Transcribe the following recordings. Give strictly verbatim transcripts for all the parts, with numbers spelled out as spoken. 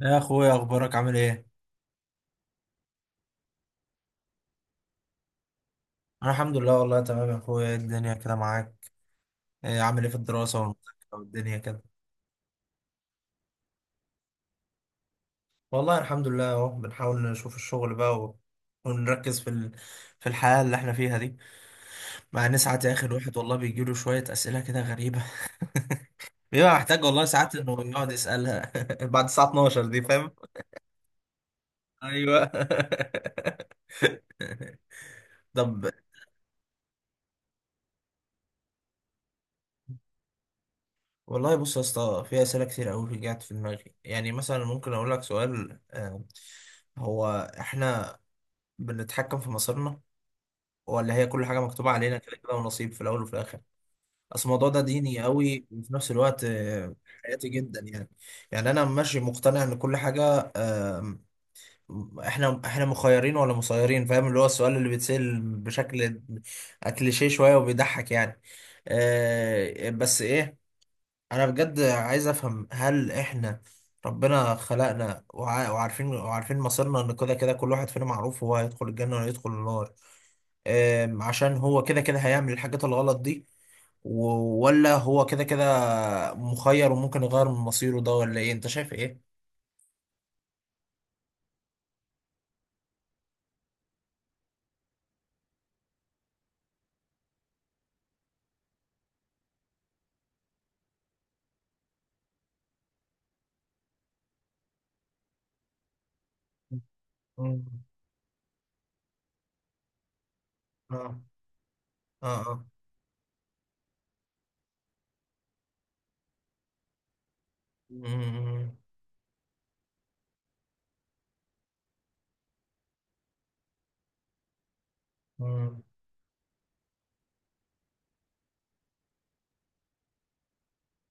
يا اخويا اخبارك عامل ايه؟ انا الحمد لله، والله تمام يا اخويا. إيه الدنيا كده معاك؟ إيه عامل ايه في الدراسه والمذاكره والدنيا كده؟ والله الحمد لله، اهو بنحاول نشوف الشغل بقى و... ونركز في ال... في الحياه اللي احنا فيها دي. مع ان ساعات يا اخي الواحد والله بيجي له شويه اسئله كده غريبه. بيبقى محتاج والله ساعات انه يقعد يسالها بعد الساعه اثنا عشر دي، فاهم؟ ايوه. طب، والله بص يا اسطى، في اسئله كتير قوي رجعت في دماغي، يعني مثلا ممكن اقول لك سؤال، آه، هو احنا بنتحكم في مصيرنا، ولا هي كل حاجه مكتوبه علينا كده كده ونصيب في الاول وفي الاخر؟ اصل الموضوع ده ديني قوي، وفي نفس الوقت آه، حياتي جدا يعني. يعني انا ماشي مقتنع ان كل حاجه، آه، احنا احنا مخيرين ولا مسيرين، فاهم؟ اللي هو السؤال اللي بيتسأل بشكل كليشيه شويه وبيضحك يعني. آه، بس ايه، انا بجد عايز افهم، هل احنا ربنا خلقنا وع- وعارفين وعارفين مصيرنا ان كده كده كل واحد فينا معروف هو هيدخل الجنة ولا هيدخل النار؟ أم، عشان هو كده كده هيعمل الحاجات الغلط دي، و- ولا هو كده كده مخير وممكن يغير من مصيره ده؟ ولا ايه، انت شايف ايه؟ مم. اه اه اه. مم، مم،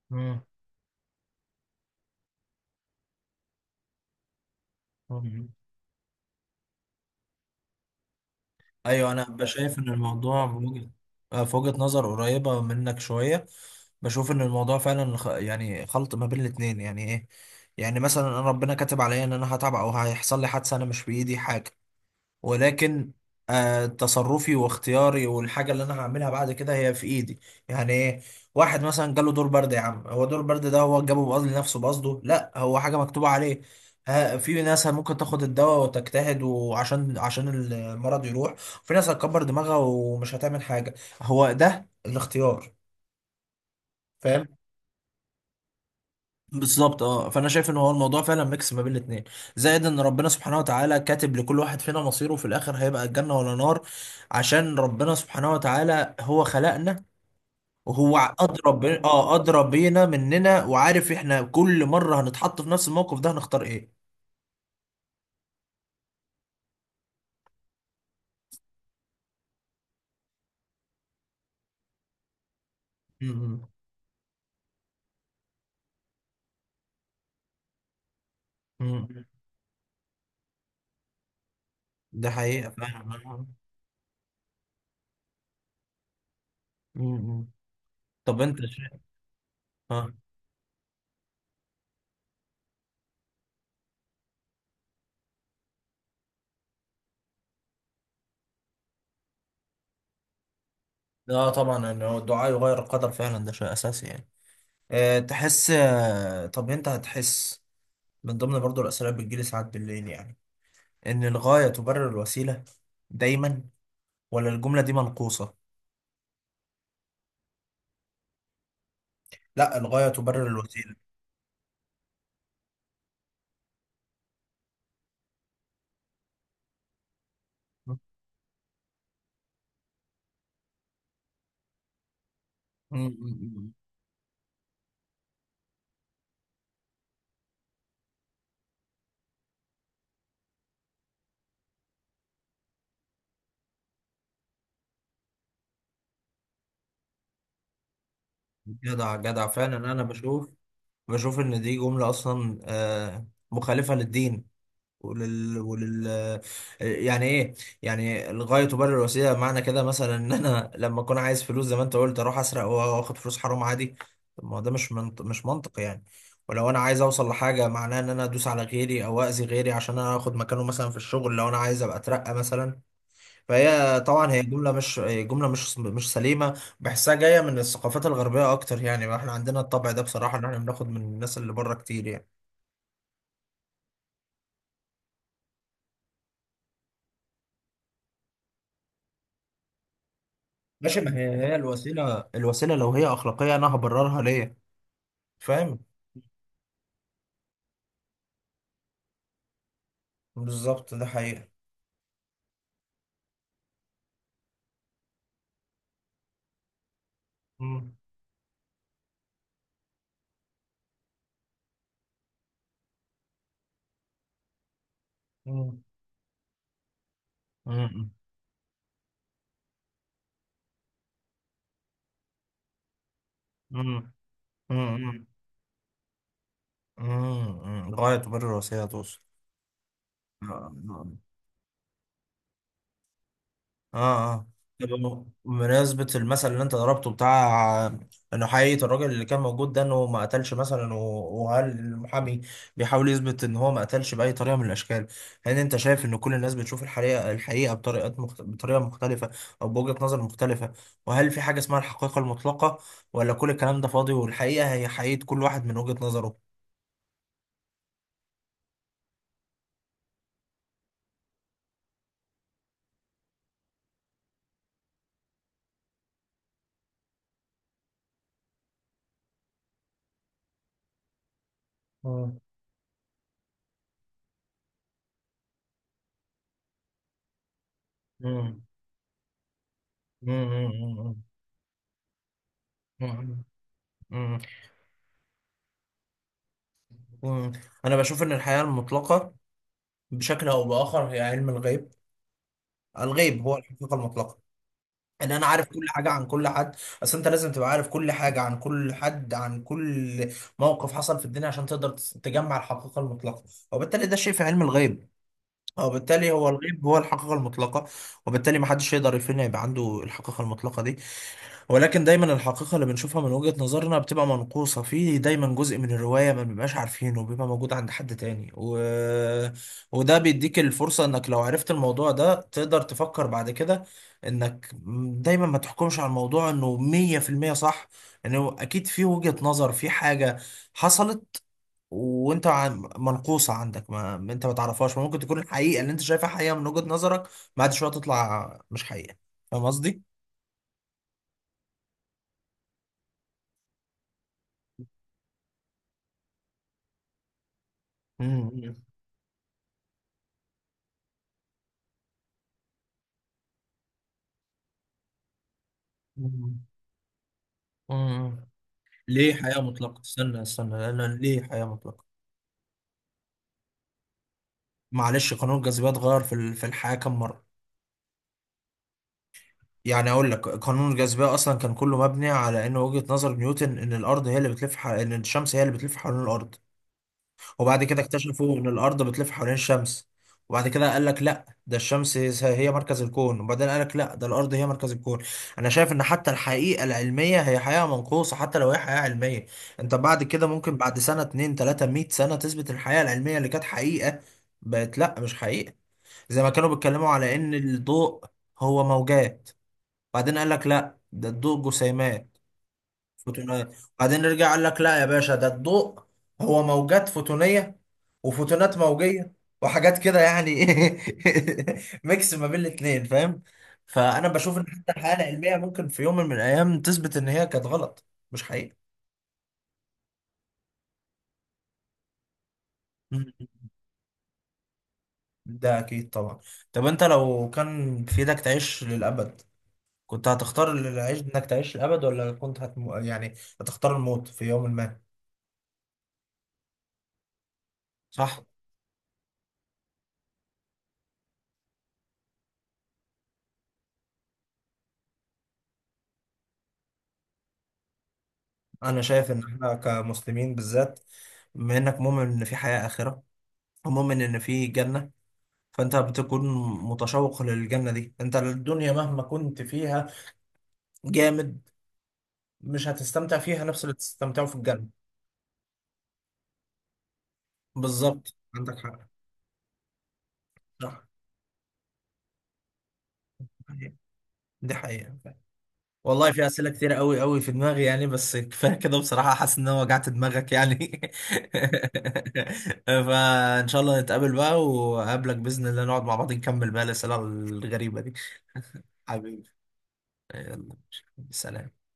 مم، مم. ايوه، انا بشايف ان الموضوع بوجه- آه، في وجهة نظر قريبة منك شوية. بشوف ان الموضوع فعلا خ- يعني خلط ما بين الاتنين، يعني ايه؟ يعني مثلا انا ربنا كاتب عليا ان انا هتعب او هيحصل لي حادثة، انا مش بايدي حاجة، ولكن آه، تصرفي واختياري والحاجة اللي أنا هعملها بعد كده هي في إيدي، يعني إيه؟ واحد مثلا جاله دور برد، يا عم هو دور برد ده هو جابه بقصد لنفسه، بقصده، لا هو حاجة مكتوبة عليه. ها- في ناس ممكن تاخد الدواء وتجتهد وعشان عشان المرض يروح، في ناس هتكبر دماغها ومش هتعمل حاجة. هو ده الاختيار، فاهم؟ بالظبط. اه، فانا شايف ان هو الموضوع فعلا ميكس ما بين الاثنين، زائد ان ربنا سبحانه وتعالى كاتب لكل واحد فينا مصيره في الاخر، هيبقى الجنه ولا نار. عشان ربنا سبحانه وتعالى هو خلقنا، وهو ع- ادرى ب... اه ادرى بينا مننا، وعارف احنا كل مره هنتحط في نفس الموقف ده هنختار ايه. امم. امم، ده حقيقه فعلا. امم. طب انت شايف، اه لا طبعا ان هو الدعاء يغير القدر فعلا، ده شيء اساسي يعني. أه تحس، آه، طب انت هتحس، من ضمن برضو الأسئلة اللي بتجيلي ساعات بالليل يعني، إن الغاية تبرر الوسيلة دايما ولا الجملة دي منقوصة؟ لا، الغاية تبرر الوسيلة. م- م- م. جدع جدع فعلا. أنا بشوف، بشوف إن دي جملة أصلا آه، مخالفة للدين ولل... ولل يعني ايه. يعني الغاية تبرر الوسيلة معنى كده مثلا ان انا لما اكون عايز فلوس زي ما انت قلت اروح اسرق واخد فلوس حرام عادي. طب ما هو ده مش منط... مش منطق يعني. ولو انا عايز اوصل لحاجة، معناه ان انا ادوس على غيري او اذي غيري عشان انا اخد مكانه، مثلا في الشغل لو انا عايز ابقى اترقى مثلا. فهي طبعا هي جملة، مش جملة مش مش سليمة، بحسها جاية من الثقافات الغربية اكتر، يعني احنا عندنا الطبع ده بصراحة، ان احنا بناخد من الناس اللي بره كتير يعني. ماشي، ما هي هي الوسيلة، الوسيلة لو هي أخلاقية أنا هبررها ليه؟ فاهم، بالظبط، ده حقيقة. مم. مم. مم. مم. مم. مم. مم، غاية تبرر الوسيلة، توصل، اه اه. طب بمناسبة المثل اللي انت ضربته بتاع انه حقيقة الراجل اللي كان موجود ده انه ما قتلش مثلا، و- وهل المحامي بيحاول يثبت ان هو ما قتلش بأي طريقة من الاشكال؟ هل انت شايف ان كل الناس بتشوف الحقيقة، الحقيقة بطريقة مخت... بطريقة مختلفة او بوجهة نظر مختلفة؟ وهل في حاجة اسمها الحقيقة المطلقة، ولا كل الكلام ده فاضي والحقيقة هي حقيقة كل واحد من وجهة نظره؟ مم. مم. مم. مم. مم. مم. مم. مم. انا بشوف ان الحقيقه المطلقه بشكل او باخر هي علم الغيب. الغيب هو الحقيقه المطلقه، ان انا عارف كل حاجه عن كل حد. اصل انت لازم تبقى عارف كل حاجه عن كل حد، عن كل موقف حصل في الدنيا، عشان تقدر تس- تجمع الحقيقه المطلقه، وبالتالي ده شيء في علم الغيب، وبالتالي هو الغيب هو الحقيقه المطلقه. وبالتالي ما حدش يقدر يفهم يبقى عنده الحقيقه المطلقه دي. ولكن دايما الحقيقة اللي بنشوفها من وجهة نظرنا بتبقى منقوصة، في دايما جزء من الرواية ما بنبقاش عارفينه، بيبقى موجود عند حد تاني، و... وده بيديك الفرصة انك لو عرفت الموضوع ده تقدر تفكر بعد كده، انك دايما ما تحكمش على الموضوع انه مية في المية صح، انه اكيد في وجهة نظر، في حاجة حصلت وانت عن- منقوصة عندك، ما انت ما تعرفهاش. ممكن تكون الحقيقة اللي انت شايفها حقيقة من وجهة نظرك، بعد شوية تطلع مش حقيقة، فاهم قصدي؟ مم. مم. ليه حياة مطلقة؟ استنى استنى، لأن ليه حياة مطلقة؟ معلش، قانون الجاذبية اتغير في ال- في الحياة كم مرة؟ يعني أقول لك قانون الجاذبية أصلا كان كله مبني على إن وجهة نظر نيوتن إن الأرض هي اللي بتلف ح... إن الشمس هي اللي بتلف حوالين الأرض، وبعد كده اكتشفوا ان الارض بتلف حوالين الشمس، وبعد كده قال لك لا ده الشمس هي مركز الكون، وبعدين قال لك لا ده الارض هي مركز الكون. انا شايف ان حتى الحقيقه العلميه هي حقيقه منقوصه، حتى لو هي حقيقه علميه. انت بعد كده ممكن بعد سنه اتنين تلاته مية سنه تثبت الحقيقه العلميه اللي كانت حقيقه، بقت لا مش حقيقه. زي ما كانوا بيتكلموا على ان الضوء هو موجات، بعدين قال لك لا ده الضوء جسيمات، فوتونات، بعدين رجع قال لك لا يا باشا ده الضوء هو موجات فوتونية وفوتونات موجية وحاجات كده يعني. ميكس ما بين الاتنين، فاهم؟ فأنا بشوف إن حتى الحياة العلمية ممكن في يوم من الأيام تثبت إن هي كانت غلط، مش حقيقة. مم. ده أكيد طبعا. طب أنت لو كان في إيدك تعيش للأبد، كنت هتختار العيش إنك تعيش للأبد، ولا كنت هتم... يعني هتختار الموت في يوم ما؟ صح؟ انا شايف ان احنا كمسلمين بالذات، بما انك مؤمن ان في حياة آخرة ومؤمن ان في جنة، فانت بتكون متشوق للجنة دي، انت الدنيا مهما كنت فيها جامد مش هتستمتع فيها نفس اللي تستمتعه في الجنة. بالظبط، عندك حق. صح، دي حقيقة. والله في أسئلة كتير قوي قوي في دماغي يعني، بس كفاية كده بصراحة، حاسس إن أنا وجعت دماغك يعني. فإن شاء الله نتقابل بقى وأقابلك بإذن الله نقعد مع بعض نكمل بقى الأسئلة الغريبة دي. حبيبي، يلا، سلام.